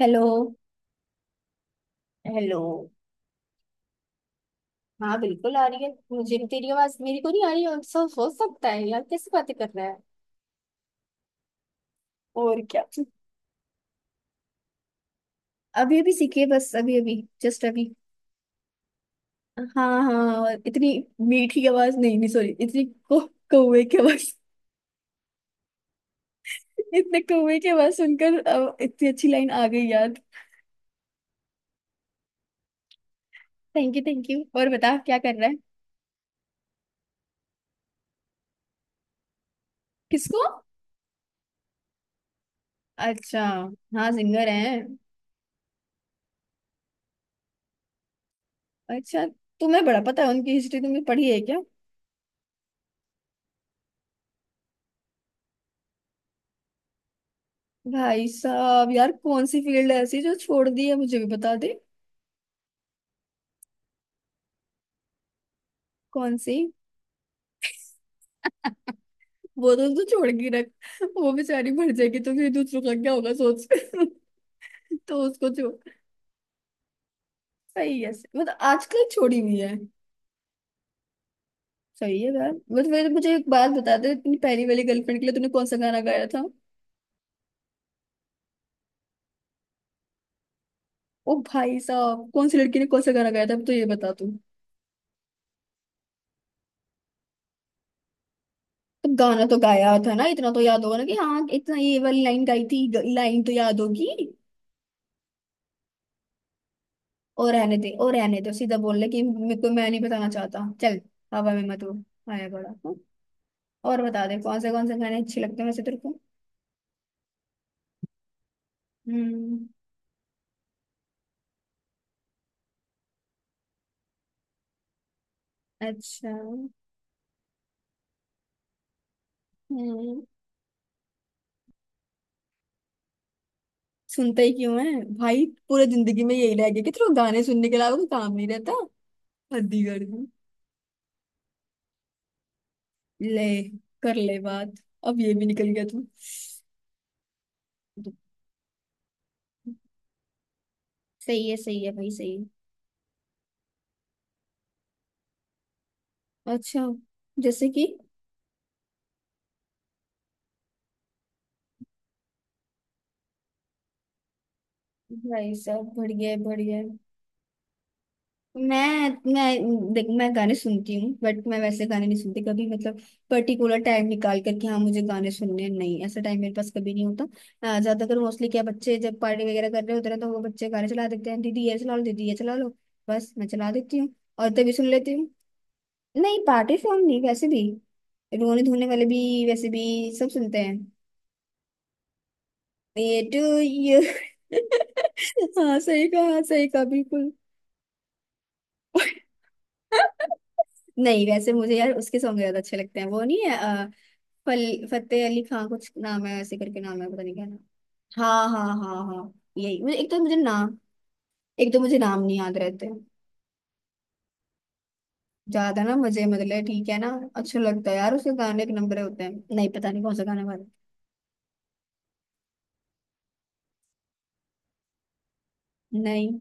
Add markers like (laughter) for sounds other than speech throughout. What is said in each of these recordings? Hello. Hello. हाँ, बिल्कुल आ रही है। मुझे भी तेरी आवाज मेरी को नहीं आ रही है, सब हो सकता है यार, कैसी बातें कर रहा है। और क्या। अभी अभी सीखी है बस, अभी अभी। जस्ट अभी। हाँ हाँ, और इतनी मीठी आवाज नहीं नहीं सॉरी, इतनी को कौवे की आवाज। (laughs) इतने कौवे की आवाज सुनकर इतनी अच्छी लाइन आ गई यार। Thank you thank you. और बता क्या कर रहा है। किसको। अच्छा, हाँ सिंगर है। अच्छा, तुम्हें बड़ा पता है उनकी हिस्ट्री, तुमने पढ़ी है क्या। भाई साहब यार, कौन सी फील्ड ऐसी जो छोड़ दी है, मुझे भी बता दे। कौन सी। वो तो तू छोड़ के रख। वो बेचारी मर जाएगी तो फिर दूसरों का क्या होगा, सोच। (laughs) तो उसको छोड़। सही है, मतलब आजकल छोड़ी हुई है। सही है यार, मतलब मुझे एक बात बता दे, अपनी पहली वाली गर्लफ्रेंड के लिए तूने कौन सा गाना गाया था। ओ भाई साहब, कौन सी लड़की ने कौन सा गाना गाया था, अब तो ये बता तू। तो गाना तो गाया था ना, इतना तो याद होगा ना कि हाँ, इतना ये वाली लाइन गाई थी, लाइन तो याद होगी। ओ रहने दे, ओ रहने दो, सीधा बोलने की मेरे को, मैं नहीं बताना चाहता चल। हवा में मत उड़। आया बड़ा हूँ। और बता दे कौन से गाने अच्छे लगते हैं वैसे तेरे को। हम्म। अच्छा। हम्म। सुनता ही क्यों है। भाई पूरे जिंदगी में यही रह गया कि तेरे को गाने सुनने के अलावा कोई काम नहीं रहता। हद्दी कर दी। ले, कर ले बात। अब ये भी निकल गया तू। सही है, सही है भाई, सही है। अच्छा। जैसे कि। भाई साहब, बढ़िया है बढ़िया है। मैं देख, मैं गाने सुनती हूँ बट मैं वैसे गाने नहीं सुनती कभी, मतलब पर्टिकुलर टाइम निकाल कर कि हाँ मुझे गाने सुनने हैं, नहीं, ऐसा टाइम मेरे पास कभी नहीं होता। ज्यादातर मोस्टली, क्या बच्चे जब पार्टी वगैरह कर रहे होते हैं तो वो बच्चे गाने चला देते हैं, दीदी ये चला लो, दीदी ये चला लो। बस मैं चला देती हूँ और तभी सुन लेती हूँ। नहीं, पार्टी सॉन्ग नहीं वैसे भी, रोने धोने वाले भी, वैसे भी सब सुनते हैं। ये टू यू। (laughs) हाँ, सही कहा, सही कहा बिल्कुल। (laughs) नहीं, वैसे मुझे यार उसके सॉन्ग ज्यादा अच्छे लगते हैं, वो नहीं है फल फतेह अली खान कुछ नाम है ऐसे करके, नाम है पता नहीं क्या नाम। हाँ हाँ हाँ हाँ। यही, मुझे एक तो मुझे नाम, एक तो मुझे नाम नहीं याद रहते। ज्यादा ना मुझे, मतलब ठीक है ना। अच्छा लगता है यार, उसके गाने एक नंबर होते हैं, नहीं पता नहीं कौन सा गाना वाला। नहीं।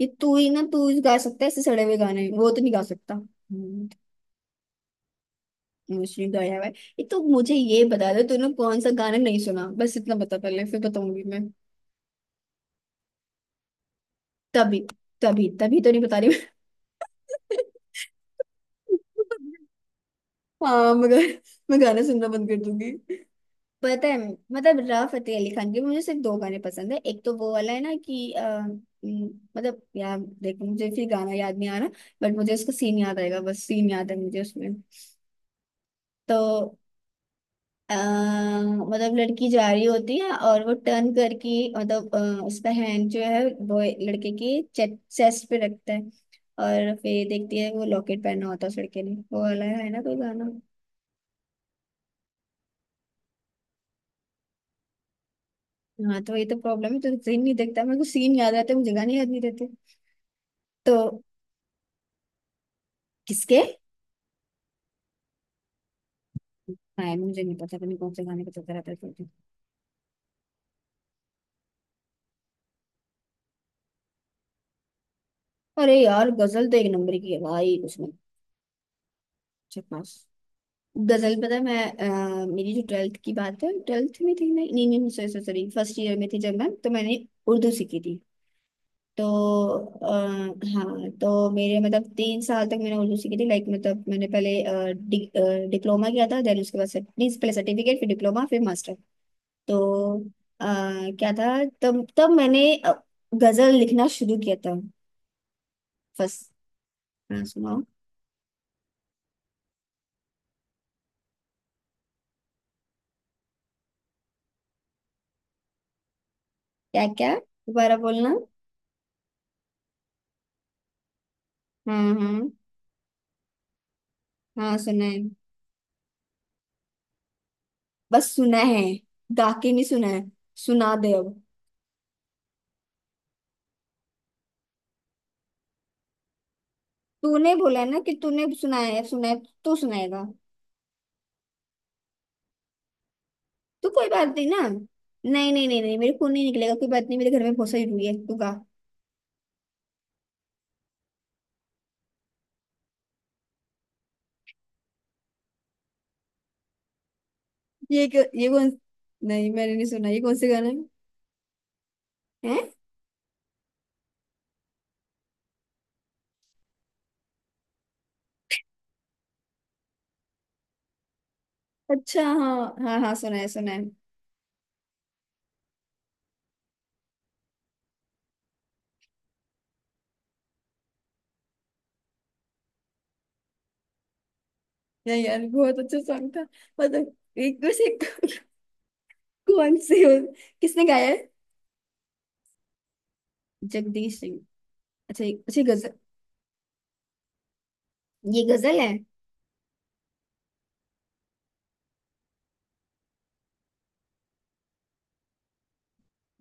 ये तू ही ना, तू ही गा सकता है ऐसे सड़े हुए गाने, वो तो नहीं गा सकता, हम्म। मुझे गाया हुआ है। ये तो मुझे ये बता दो तूने कौन सा गाना नहीं सुना, बस इतना बता पहले, फिर बताऊंगी मैं। तभी तभी तभी तो नहीं बता रही। हाँ मगर, मैं गाने सुनना बंद कर दूंगी। पता है। मतलब राव फतेह अली खान के मुझे सिर्फ दो गाने पसंद है, एक तो वो वाला है ना कि उम, मतलब यार देखो मुझे फिर गाना याद नहीं आ रहा। बट मुझे उसका सीन याद आएगा, बस सीन याद है मुझे उसमें, तो मतलब लड़की जा रही होती है और वो टर्न करके, मतलब उसका हैंड जो है वो लड़के की चेस्ट पे रखता है। और फिर देखती है वो लॉकेट पहना होता है उस लड़के ने, वो वाला है ना कोई गाना। हाँ, तो ये तो प्रॉब्लम है, तो सीन नहीं देखता, मेरे को सीन याद रहता है, मुझे गाने याद नहीं रहते। तो किसके। हाँ यार, मुझे नहीं पता, पता नहीं कौन से गाने का चलता रहता है तो। अरे यार, गजल तो एक नंबर की है भाई। उसमें दरअसल पता है, मैं मेरी जो ट्वेल्थ की बात है, ट्वेल्थ में थी, नहीं नहीं नहीं सॉरी सॉरी, फर्स्ट ईयर में थी जब मैं, तो मैंने उर्दू सीखी थी। तो अ, हाँ तो मेरे मतलब, तीन साल तक मैंने उर्दू सीखी थी, लाइक मतलब मैंने पहले डिप्लोमा किया था, देन उसके बाद नहीं, पहले सर्टिफिकेट फिर डिप्लोमा फिर मास्टर। तो अ, क्या था, तब तब मैंने गजल लिखना शुरू किया था। फर्स्ट। हाँ सुनाओ। क्या क्या, दोबारा बोलना। हाँ हाँ हाँ, सुना है। बस सुना है, गा के नहीं सुना है। सुना दे अब। तूने बोला है ना कि तूने सुनाया है, सुना है। तू सुनाएगा। तो कोई बात नहीं ना, नहीं नहीं नहीं नहीं, मेरे खून नहीं निकलेगा, कोई बात नहीं, मेरे घर में बहुत सारी रुई है, तू गा। ये क्यों, ये कौन। नहीं, मैंने नहीं सुना, ये कौन से गाना है। है। अच्छा, हाँ हाँ हाँ, सुना है सुना है। नहीं यार, बहुत अच्छा सॉन्ग था। मतलब एक वैसे। (laughs) कौन से हो, किसने गाया है। जगदीश सिंह। अच्छा अच्छा ये गजल, ये गजल है।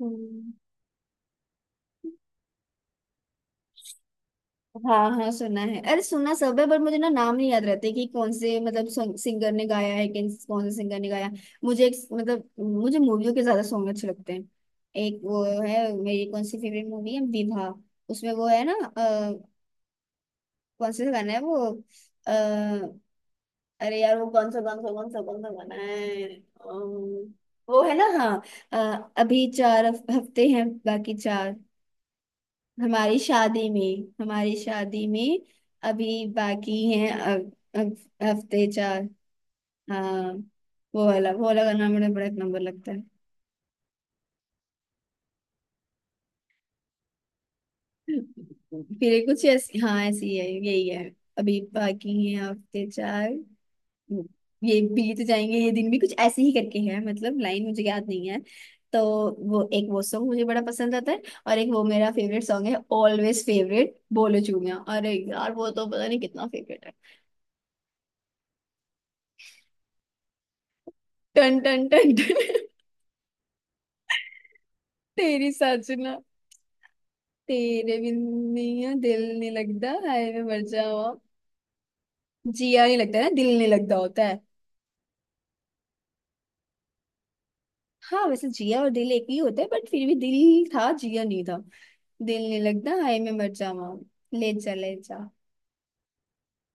हम्म, हाँ हाँ, सुना है। अरे सुना सब है, पर मुझे ना नाम नहीं याद रहते कि कौन से मतलब सिंगर ने गाया है, कि कौन से सिंगर ने गाया। मुझे एक, मतलब मुझे मूवियों के ज्यादा सॉन्ग अच्छे लगते हैं। एक वो है, मेरी कौन सी फेवरेट मूवी है, विवाह। उसमें वो है ना कौन सा गाना है वो, आ, अरे यार वो कौन सा कौन सा कौन सा कौन सा गाना है, वो है ना हाँ, अभी चार हफ्ते हैं बाकी चार। हमारी शादी में, हमारी शादी में अभी बाकी हैं अब हफ्ते चार। हाँ, वो वाला गाना मुझे बड़ा एक नंबर लगता है। फिर ये कुछ ऐसी, हाँ ऐसी ही है, यही है। अभी बाकी हैं हफ्ते चार। ये बीत जाएंगे ये दिन भी, कुछ ऐसे ही करके है, मतलब लाइन मुझे याद नहीं है। तो वो एक वो सॉन्ग मुझे बड़ा पसंद आता है। और एक वो मेरा फेवरेट सॉन्ग है, ऑलवेज फेवरेट, बोलो चूड़ियां। अरे यार वो तो पता नहीं कितना फेवरेट है। टन टन टन टन। तेरी साजना, तेरे बिन नहीं है, दिल नहीं लगता, हाय मैं मर जावा। जिया नहीं लगता ना, दिल नहीं लगता होता है। हाँ, वैसे जिया और दिल एक ही होता है बट फिर भी दिल था जिया नहीं था। दिल नहीं लगता, हाय मैं मर जावा। ले जा, ले जा।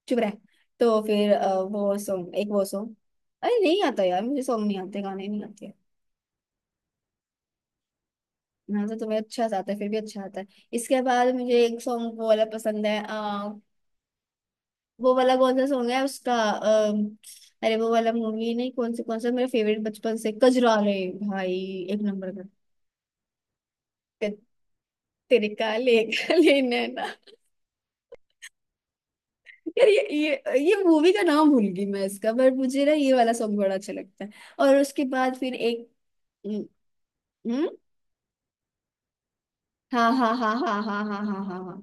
चुप रह। तो फिर वो सॉन्ग, एक वो सॉन्ग। अरे नहीं आता यार, मुझे सॉन्ग नहीं आते, गाने नहीं आते। ना तो तुम्हें अच्छा सा आता है, फिर भी अच्छा आता है। इसके बाद मुझे एक सॉन्ग वो वाला पसंद है। वो वाला कौन सा सॉन्ग है उसका, अरे वो वाला मूवी नहीं, कौन से कौन सा मेरा फेवरेट बचपन से, कजरारे। भाई, एक नंबर का। ते, तेरे काले काले नैना। यार ये मूवी का नाम भूल गई मैं इसका, बट मुझे ना ये वाला सॉन्ग बड़ा अच्छा लगता है। और उसके बाद फिर एक। हम्म। हम्म? हाँ हाँ हाँ हाँ हाँ हाँ हाँ हाँ हाँ।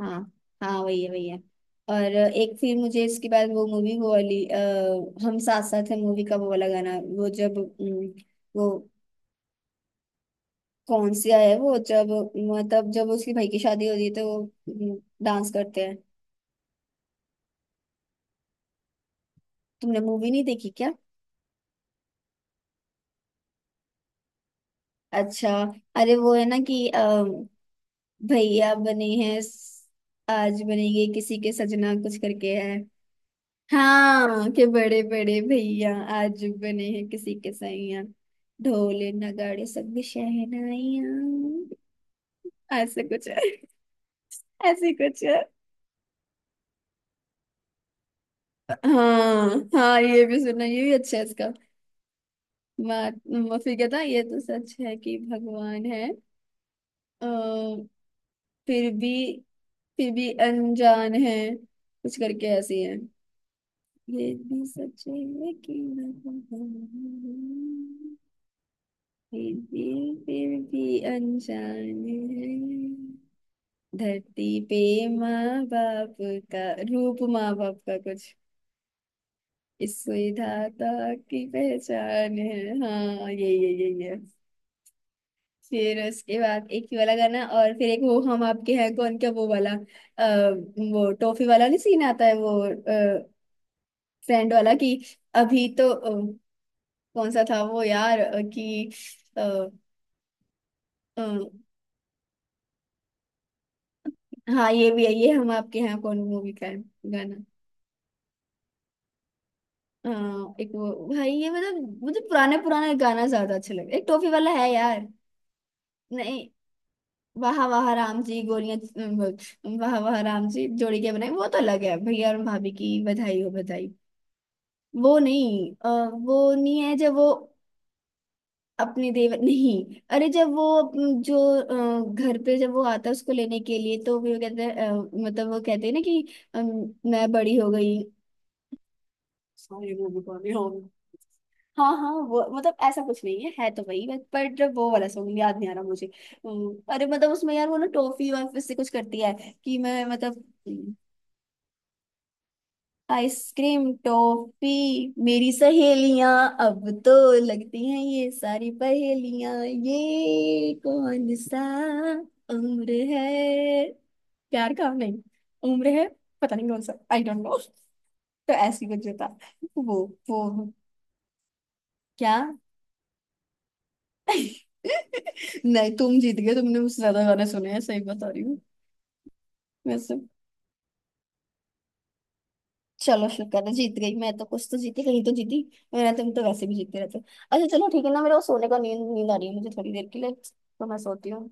हाँ, हाँ वही है वही है। और एक फिर मुझे इसके बाद वो मूवी वो वाली हम साथ साथ है मूवी का वो वाला गाना वो जब वो कौन सी है वो जब, मतलब जब उसकी भाई की शादी होती है तो वो डांस करते हैं। तुमने मूवी नहीं देखी क्या। अच्छा। अरे वो है ना कि भैया बने हैं आज बनेंगे किसी के सजना कुछ करके है। हाँ, के बड़े बड़े भैया आज बने हैं किसी के सैया। ढोल नगाड़े सब भी शहनाइया। ऐसे कुछ है, ऐसे कुछ है। हाँ हाँ, ये भी सुना, ये भी अच्छा है। बात फिर कहता, ये तो सच है कि भगवान है। अ, फिर भी, फिर भी अनजान है कुछ करके ऐसी है। ये भी सच है कि भगवान है, फिर भी अनजान है। धरती पे माँ बाप का रूप माँ बाप का कुछ, इस विधाता की पहचान है। हाँ यही यही यही है। फिर उसके बाद एक ये वाला गाना, और फिर एक वो हम आपके हैं कौन, क्या वो वाला वो टॉफी वाला, नहीं सीन आता है वो फ्रेंड वाला कि, अभी तो कौन सा था वो यार कि अ, अ, हाँ ये भी है, ये हम आपके हैं कौन मूवी का है गाना। अ, एक वो भाई, ये मतलब मुझे पुराने पुराने गाना ज्यादा अच्छे लगे, एक टॉफी वाला है यार। नहीं, वाह वाह राम जी गोलियां, वाह वाह राम जी जोड़ी के बनाए, वो तो अलग है, भैया और भाभी की बधाई हो बधाई। वो नहीं वो नहीं है जब वो अपने देव नहीं। अरे जब वो जो घर पे जब वो आता है उसको लेने के लिए तो वो कहते हैं मतलब वो कहते हैं ना कि मैं बड़ी हो गई। सॉरी, वो भी कौन है हम। हाँ हाँ, वो मतलब ऐसा कुछ नहीं है, है तो वही, बट पर जब वो वाला सॉन्ग याद नहीं आ रहा मुझे। अरे मतलब उसमें यार वो ना, टॉफी और फिर से कुछ करती है, कि मैं मतलब आइसक्रीम टॉफी, मेरी सहेलियां अब तो लगती हैं ये सारी पहेलियां, ये कौन सा उम्र है, प्यार का नहीं उम्र है। पता नहीं कौन सा, आई डोंट नो। तो ऐसी कुछ था वो। वो, क्या। नहीं, तुम जीत गए, तुमने मुझसे ज्यादा गाने सुने हैं, सही बता रही हूँ। वैसे चलो शुक्र है, जीत गई मैं तो, कुछ तो जीती, कहीं तो जीती। मेरा तुम तो वैसे भी जीतते रहते हो। अच्छा, चलो ठीक है ना, मेरे को सोने का, नींद नींद आ रही है मुझे थोड़ी देर के लिए, तो मैं सोती हूँ।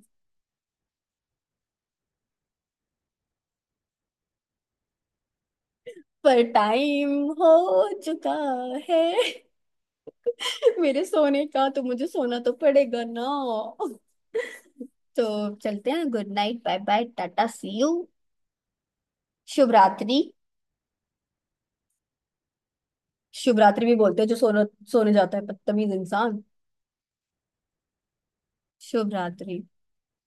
पर टाइम हो चुका है। (laughs) मेरे सोने का, तो मुझे सोना तो पड़ेगा ना। तो चलते हैं, good night, bye bye, tata, see you. शुभ रात्रि। शुभ रात्रि भी बोलते हैं जो सोना सोने जाता है, बदतमीज इंसान। शुभ रात्रि।